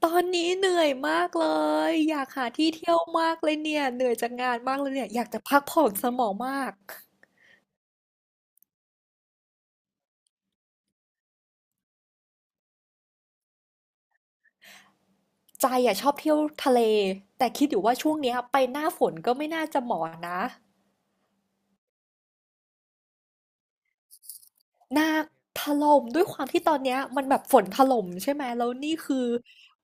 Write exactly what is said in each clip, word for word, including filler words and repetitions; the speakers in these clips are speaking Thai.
ตอนนี้เหนื่อยมากเลยอยากหาที่เที่ยวมากเลยเนี่ยเหนื่อยจากงานมากเลยเนี่ยอยากจะพักผ่อนสมองมากใจอ่ะชอบเที่ยวทะเลแต่คิดอยู่ว่าช่วงเนี้ยไปหน้าฝนก็ไม่น่าจะเหมาะนะ หนักถล่มด้วยความที่ตอนเนี้ยมันแบบฝนถล่มใช่ไหมแล้วนี่คือ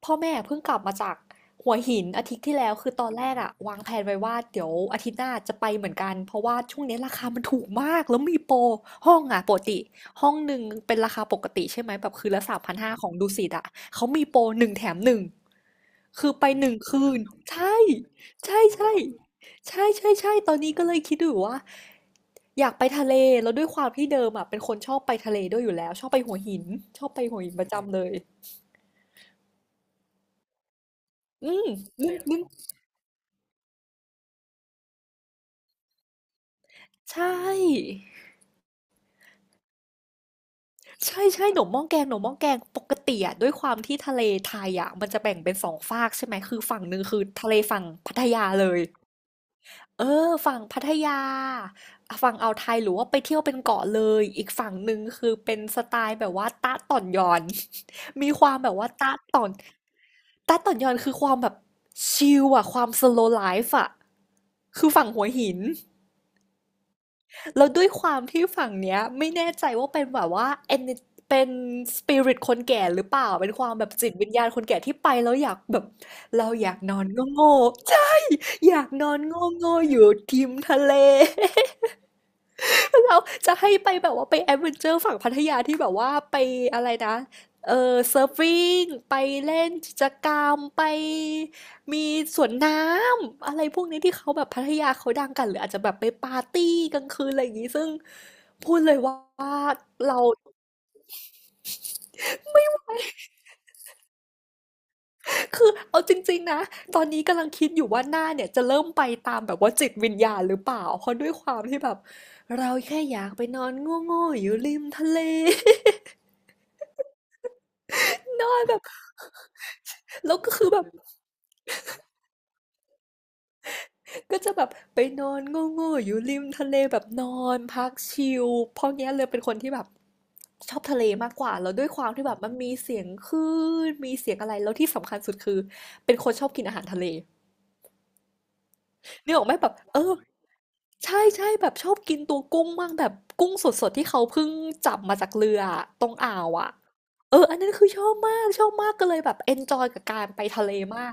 พ่อแม่เพิ่งกลับมาจากหัวหินอาทิตย์ที่แล้วคือตอนแรกอะวางแผนไว้ว่าเดี๋ยวอาทิตย์หน้าจะไปเหมือนกันเพราะว่าช่วงนี้ราคามันถูกมากแล้วมีโปรห้องอะปกติห้องหนึ่งเป็นราคาปกติใช่ไหมแบบคืนละสามพันห้าของดุสิตอะเขามีโปรหนึ่งแถมหนึ่งคือไปหนึ่งคืนใช่ใช่ใช่ ใช่ๆๆตอนนี้ก็เลยคิดอยู่ว่าอยากไปทะเลแล้วด้วยความที่เดิมอะเป็นคนชอบไปทะเลด้วยอยู่แล้วชอบไปหัวหินชอบไปหัวหินประจำเลยอืมนึกนึงใช่ ใช่ใช่หนมหม้อแกงหนมหม้อแกงปกติอะด้วยความที่ทะเลไทยอะมันจะแบ่งเป็นสองฝากใช่ไหมคือฝั่งหนึ่งคือทะเลฝั่งพัทยาเลยเออฝั่งพัทยาฝั่งอ่าวไทยหรือว่าไปเที่ยวเป็นเกาะเลยอีกฝั่งหนึ่งคือเป็นสไตล์แบบว่าตะต่อนยอน มีความแบบว่าตะต่อน ตาต่อนยอนคือความแบบชิลอะความ slow life อะคือฝั่งหัวหินแล้วด้วยความที่ฝั่งเนี้ยไม่แน่ใจว่าเป็นแบบว่า ener- เป็น spirit คนแก่หรือเปล่าเป็นความแบบจิตวิญญาณคนแก่ที่ไปแล้วอยากแบบเราอยากนอนโง่ๆ่ อยากนอนโง่ๆอยู่ทิมทะเล คือเราจะให้ไปแบบว่าไปแอดเวนเจอร์ฝั่งพัทยาที่แบบว่าไปอะไรนะเออเซิร์ฟฟิงไปเล่นกิจกรรมไปมีสวนน้ำอะไรพวกนี้ที่เขาแบบพัทยาเขาดังกันหรืออาจจะแบบไปปาร์ตี้กลางคืนอะไรอย่างนี้ซึ่งพูดเลยว่าเราคือเอาจริงๆนะตอนนี้กำลังคิดอยู่ว่าหน้าเนี่ยจะเริ่มไปตามแบบว่าจิตวิญญาณหรือเปล่าเพราะด้วยความที่แบบเราแค่อยากไปนอนโง่ๆอยู่ริมทะเล นอนแบบแล้วก็คือแบบ ก็จะแบบไปนอนโง่ๆอยู่ริมทะเลแบบนอนพักชิลเพราะเงี้ยเลยเป็นคนที่แบบชอบทะเลมากกว่าแล้วด้วยความที่แบบมันมีเสียงคลื่นมีเสียงอะไรแล้วที่สำคัญสุดคือเป็นคนชอบกินอาหารทะเลนึกออกไหมแบบเออใช่ใช่แบบชอบกินตัวกุ้งมากแบบกุ้งสดๆที่เขาเพิ่งจับมาจากเรือตรงอ่าวอ่ะเอออันนั้นคือชอบมากชอบมากก็เลยแบบเอนจอยกับการไปทะเลมาก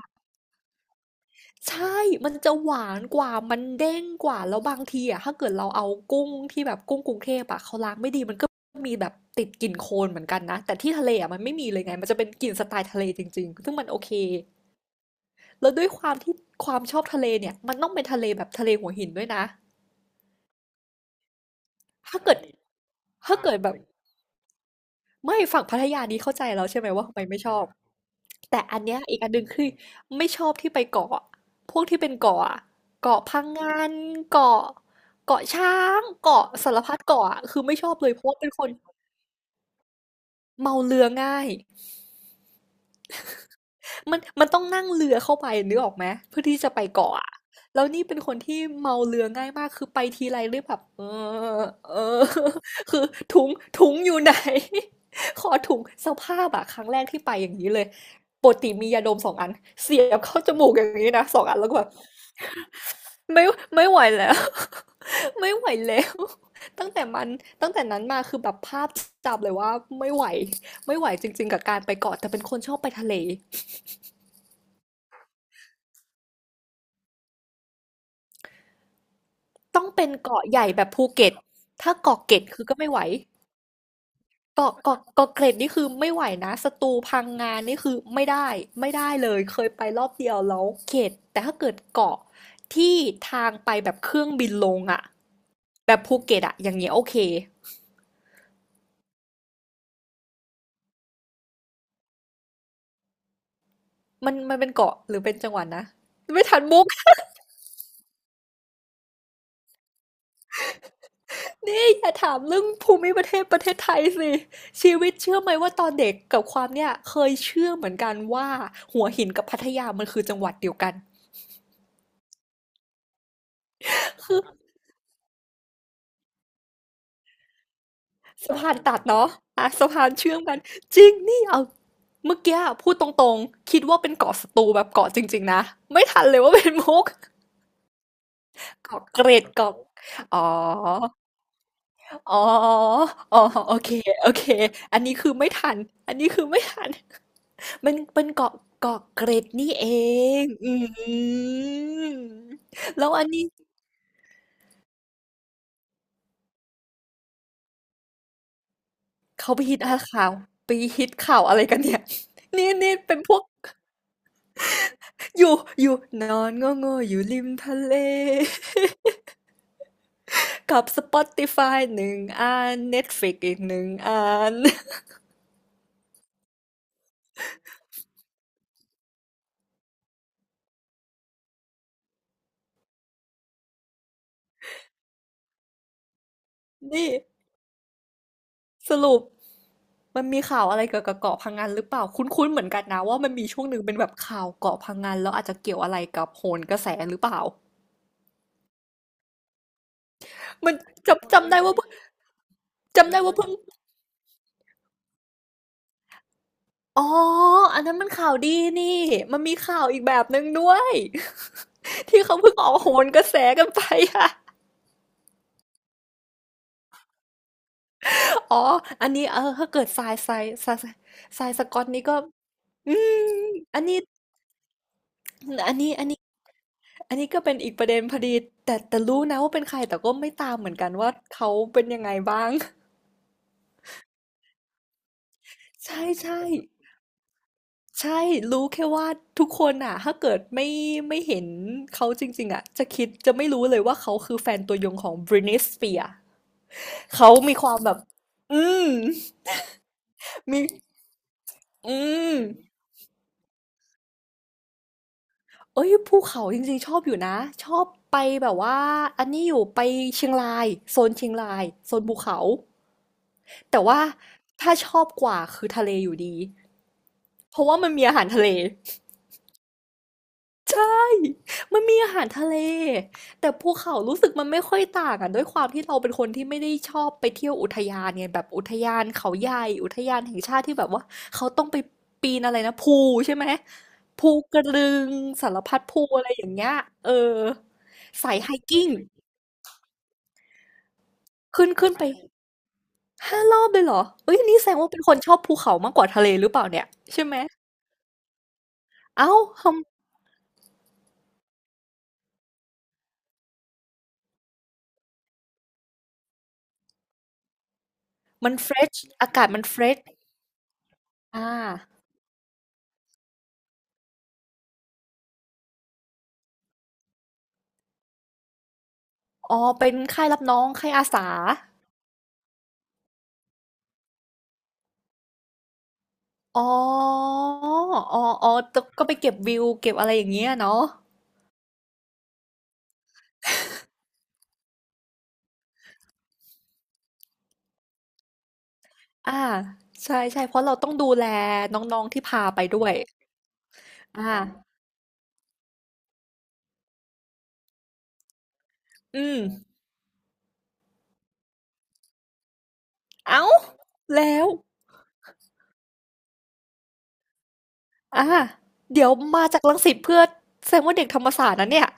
ใช่มันจะหวานกว่ามันเด้งกว่าแล้วบางทีอะถ้าเกิดเราเอากุ้งที่แบบกุ้งกรุงเทพอะเขาล้างไม่ดีมันก็มีแบบติดกลิ่นโคลนเหมือนกันนะแต่ที่ทะเลอะมันไม่มีเลยไงมันจะเป็นกลิ่นสไตล์ทะเลจริงๆซึ่งมันโอเคแล้วด้วยความที่ความชอบทะเลเนี่ยมันต้องเป็นทะเลแบบทะเลหัวหินด้วยนะถ้าเกิดถ้าเกิดแบบ ไม่ฝั่งพัทยานี้เข้าใจแล้วใช่ไหมว่าทำไมไม่ชอบ แต่อันเนี้ยอีกอันหนึ่งคือไม่ชอบที่ไปเกาะพวกที่เป็นเกาะอะเกาะพังงานเกาะเกาะช้างเกาะสารพัดเกาะอะคือไม่ชอบเลยเพราะว่าเป็นคนเมาเรือง่าย มันมันต้องนั่งเรือเข้าไปนึกออกไหมเพื่อที่จะไปเกาะอะแล้วนี่เป็นคนที่เมาเรือง่ายมากคือไปทีไรเรียกแบบเออเออ คือถุงถุงอยู่ไหน ขอถุงสภาพอะครั้งแรกที่ไปอย่างนี้เลยปกติมียาดมสองอันเสียบเข้าจมูกอย่างนี้นะสองอันแล้วก็แบบไม่ไม่ไหวแล้ว ไม่ไหวแล้วตั้งแต่มันตั้งแต่นั้นมาคือแบบภาพจำเลยว่าไม่ไหวไม่ไหวจริงๆกับการไปเกาะแต่เป็นคนชอบไปทะเล ต้องเป็นเกาะใหญ่แบบภูเก็ตถ้าเกาะเกร็ดคือก็ไม่ไหว เกาะเกาะเกาะเกร็ดนี่คือไม่ไหวนะ สตูลพังงานนี่คือไม่ได้ไม่ได้เลยเคยไปรอบเดียวแล้วเข็ดแต่ถ้าเกิดเกาะที่ทางไปแบบเครื่องบินลงอะแบบภูเก็ตอะอย่างเงี้ยโอเค มันมันเป็นเกาะหรือเป็นจังหวัดนะไม่ทันมุก นี่อย่าถามเรื่องภูมิประเทศประเทศไทยสิชีวิตเชื่อไหมว่าตอนเด็กกับความเนี่ยเคยเชื่อเหมือนกันว่าหัวหินกับพัทยามันคือจังหวัดเดียวกันคือ สะพานตัดเนาะอ่ะสะพานเชื่อมกันจริง นี่เอาเมื่อกี้อะพูดตรงๆ คิดว่าเป็นเกาะสตูแบบเกาะจริงๆนะ ไม่ทันเลยว่าเป็นมุกเกาะเกร็ดเกาะอ๋อ อ๋อ อ๋อโอเคโอเค อันนี้คือไม่ทันอันนี้คือไม่ทันมันเป็นเกาะเกาะเกร็ดนี่เองอืมแล้วอันนี้เขาไปฮิตอะไรข่าวไปฮิตข่าวอะไรกันเนี่ยนี่นี่เป็นพวก อยู่อยู่นอนโง่ๆอยู่ริมทะเล กับ สปอติฟาย หนึ่งอัน เน็ตฟลิกซ์ อีกหนึ่งอัน นี่สรุปมันมีข่าวอะไรเกี่ยวกับเกาะพังงานหรือเปล่าคุ้นๆเหมือนกันนะว่ามันมีช่วงหนึ่งเป็นแบบข่าวเกาะพังงานแล้วอาจจะเกี่ยวอะไรกับโหนกระแสหรือเปล่ามันจำจำได้ว่าจำได้ว่าเพิ่งอ๋ออันนั้นมันข่าวดีนี่มันมีข่าวอีกแบบหนึ่งด้วย ที่เขาเพิ่งออกโหนกระแสกันไปอะ อ๋อ อันนี้เออถ้าเกิดทรายทรายทรายทรายสกอตนี่ก็อืมอันนี้อันนี้อันนี้อันนี้ก็เป็นอีกประเด็นพอดีแต่แต่รู้นะว่าเป็นใครแต่ก็ไม่ตามเหมือนกันว่าเขาเป็นยังไงบ้าง ใช่ใช่ใช่รู้แค่ว่าทุกคนอ่ะ ถ้าเกิดไม่ไม่เห็นเขาจริงๆอ่ะจะคิดจะไม่รู้เลยว่าเขาคือแฟนตัวยงของ บริทนีย์ สเปียร์ส เขามีความแบบ อืมมีอืม เอ้ยภูเขาจริงๆชอบอยู่นะชอบไปแบบว่าอันนี้อยู่ไปเชียงรายโซนเชียงรายโซนภูเขาแต่ว่าถ้าชอบกว่าคือทะเลอยู่ดีเพราะว่ามันมีอาหารทะเลใช่มันมีอาหารทะเลแต่ภูเขารู้สึกมันไม่ค่อยต่างอ่ะด้วยความที่เราเป็นคนที่ไม่ได้ชอบไปเที่ยวอุทยานไงแบบอุทยานเขาใหญ่อุทยานแห่งชาติที่แบบว่าเขาต้องไปปีนอะไรนะภูใช่ไหมภูกระดึงสารพัดภูอะไรอย่างเงี้ยเออสายไฮกิ้ง ขึ้นขึ้นไปห้ารอบเลยเหรอ เฮ้ยอันนี้แสดงว่าเป็นคนชอบภูเขามากกว่าทะเลหรือเปล่าเนี่ยใช่ไหมอ้าวทำมันเฟรชอากาศมันเฟรชอาอ๋อเป็นค่ายรับน้องค่ายอาสาอ๋ออ๋อๆตก็ไปเก็บวิวเก็บอะไรอย่างเงี้ยเนาะอาใช่ๆเพราะเราต้องดูแลน้องๆที่พาไปด้วยอาอืมอ้าวแล้วอาเดี๋ยวมาจากรังสิตเพื่อแสดงว่าเด็กธรรมศาสตร์นะเนี่ย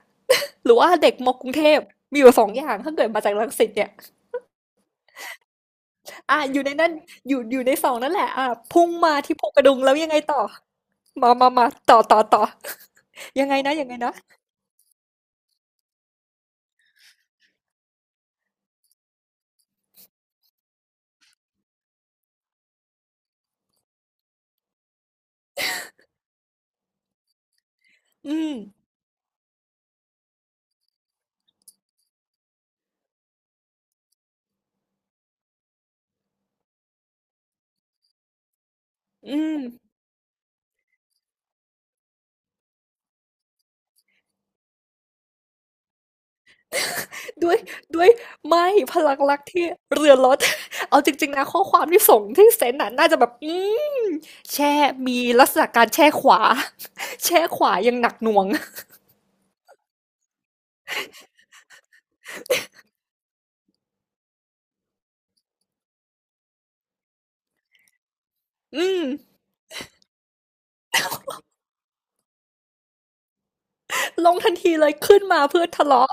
หรือว่าเด็กมกรุงเทพมีอยู่สองอย่างถ้าเกิดมาจากรังสิตเนี่ยอ่ะอยู่ในนั้นอยู่อยู่ในสองนั่นแหละอ่ะพุ่งมาที่ภูกระดึงแล้วยังไงต่อมามามาต่อต่อต่อยังไงนะยังไงนะอืมอืมด้วยด้วยไม่พลังรักที่เรือนรถ เอาจริงๆนะข้อความที่ส่งที่เซนน่ะน่าจะแบบอืมแช่มีลักษณะการแช่ขวา แช่ขวายังหนักหน่วงอืมลงทันทีเลยขึ้นมาเพื่อทะเลาะ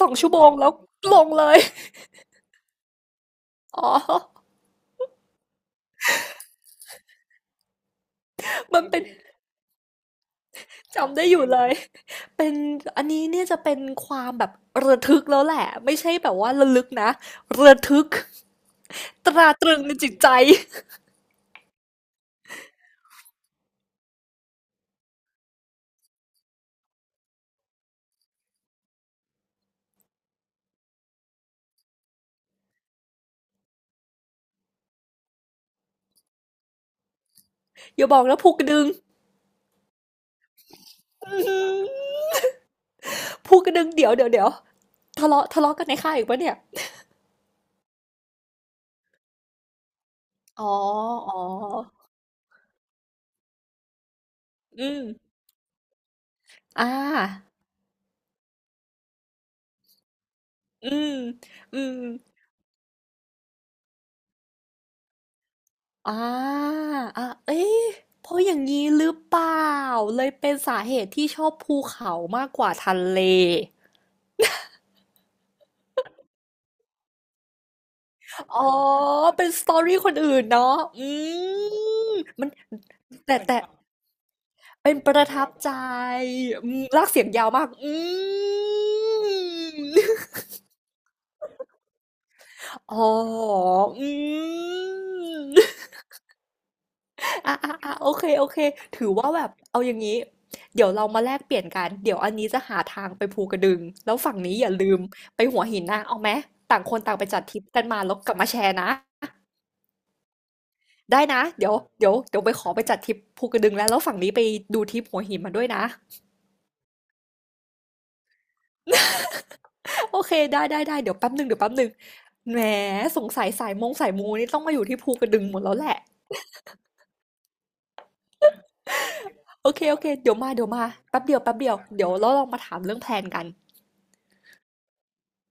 สองชั่วโมงแล้วลงเลย อ๋อ มันเป็นจำได้อยู่เลยเป็นอันนี้เนี่ยจะเป็นความแบบระทึกแล้วแหละไม่ใช่แบบว่าระลึกนะระทึกตราตรึงในจิตใจอย่าบอกนะภูกระดึง อื้อหือภูกระดึงเดี๋ยวเดี๋ยวเดี๋ยวทะเลาะทะเลาะกันในค่ายอีกปะเนี่ยอ๋ออ๋ออืมอ่าอืมอืมอ่าอ่ะเอ๊ะเพราะอย่างนี้หรือเปล่าเลยเป็นสาเหตุที่ชอบภูเขามากกว่าทะเล อ๋อ เป็นสตอรี่คนอื่นเนาะอืมมันแต่แต่เป็นประทับใจอืมลากเสียงยาวมากอืมอ๋ออืมอ่ะอ่ะอ่ะโอเคโอเค ถือว่าแบบ เอาอย่างนี้ เดี๋ยวเรามาแลกเปลี่ยนกัน เดี๋ยวอันนี้จะหาทางไปภูกระดึงแล้วฝั่งนี้อย่าลืมไปหัวหินนะเอาไหมต่างคนต่างไปจัดทริปกันมาแล้วกลับมาแชร์นะ ได้นะเดี๋ยวเดี๋ยวเดี๋ยวไปขอไปจัดทริปภูกระดึงแล้วแล้วฝั่งนี้ไปดูทริปหัวหินมาด้วยนะ โอเคได้ได้ได้เดี๋ยวแป๊บหนึ่งเดี๋ยวแป๊บหนึ่งแหมสงสัยสายมงสายมูนี่ต้องมาอยู่ที่ภูกระดึงหมดแล้วแหละโอเคโอเค เดี๋ยวมา เดี๋ยวมาแป๊บเดียวแป๊บเดียวเดี๋ยวเราลองมาถามเรื่องแพลนกัน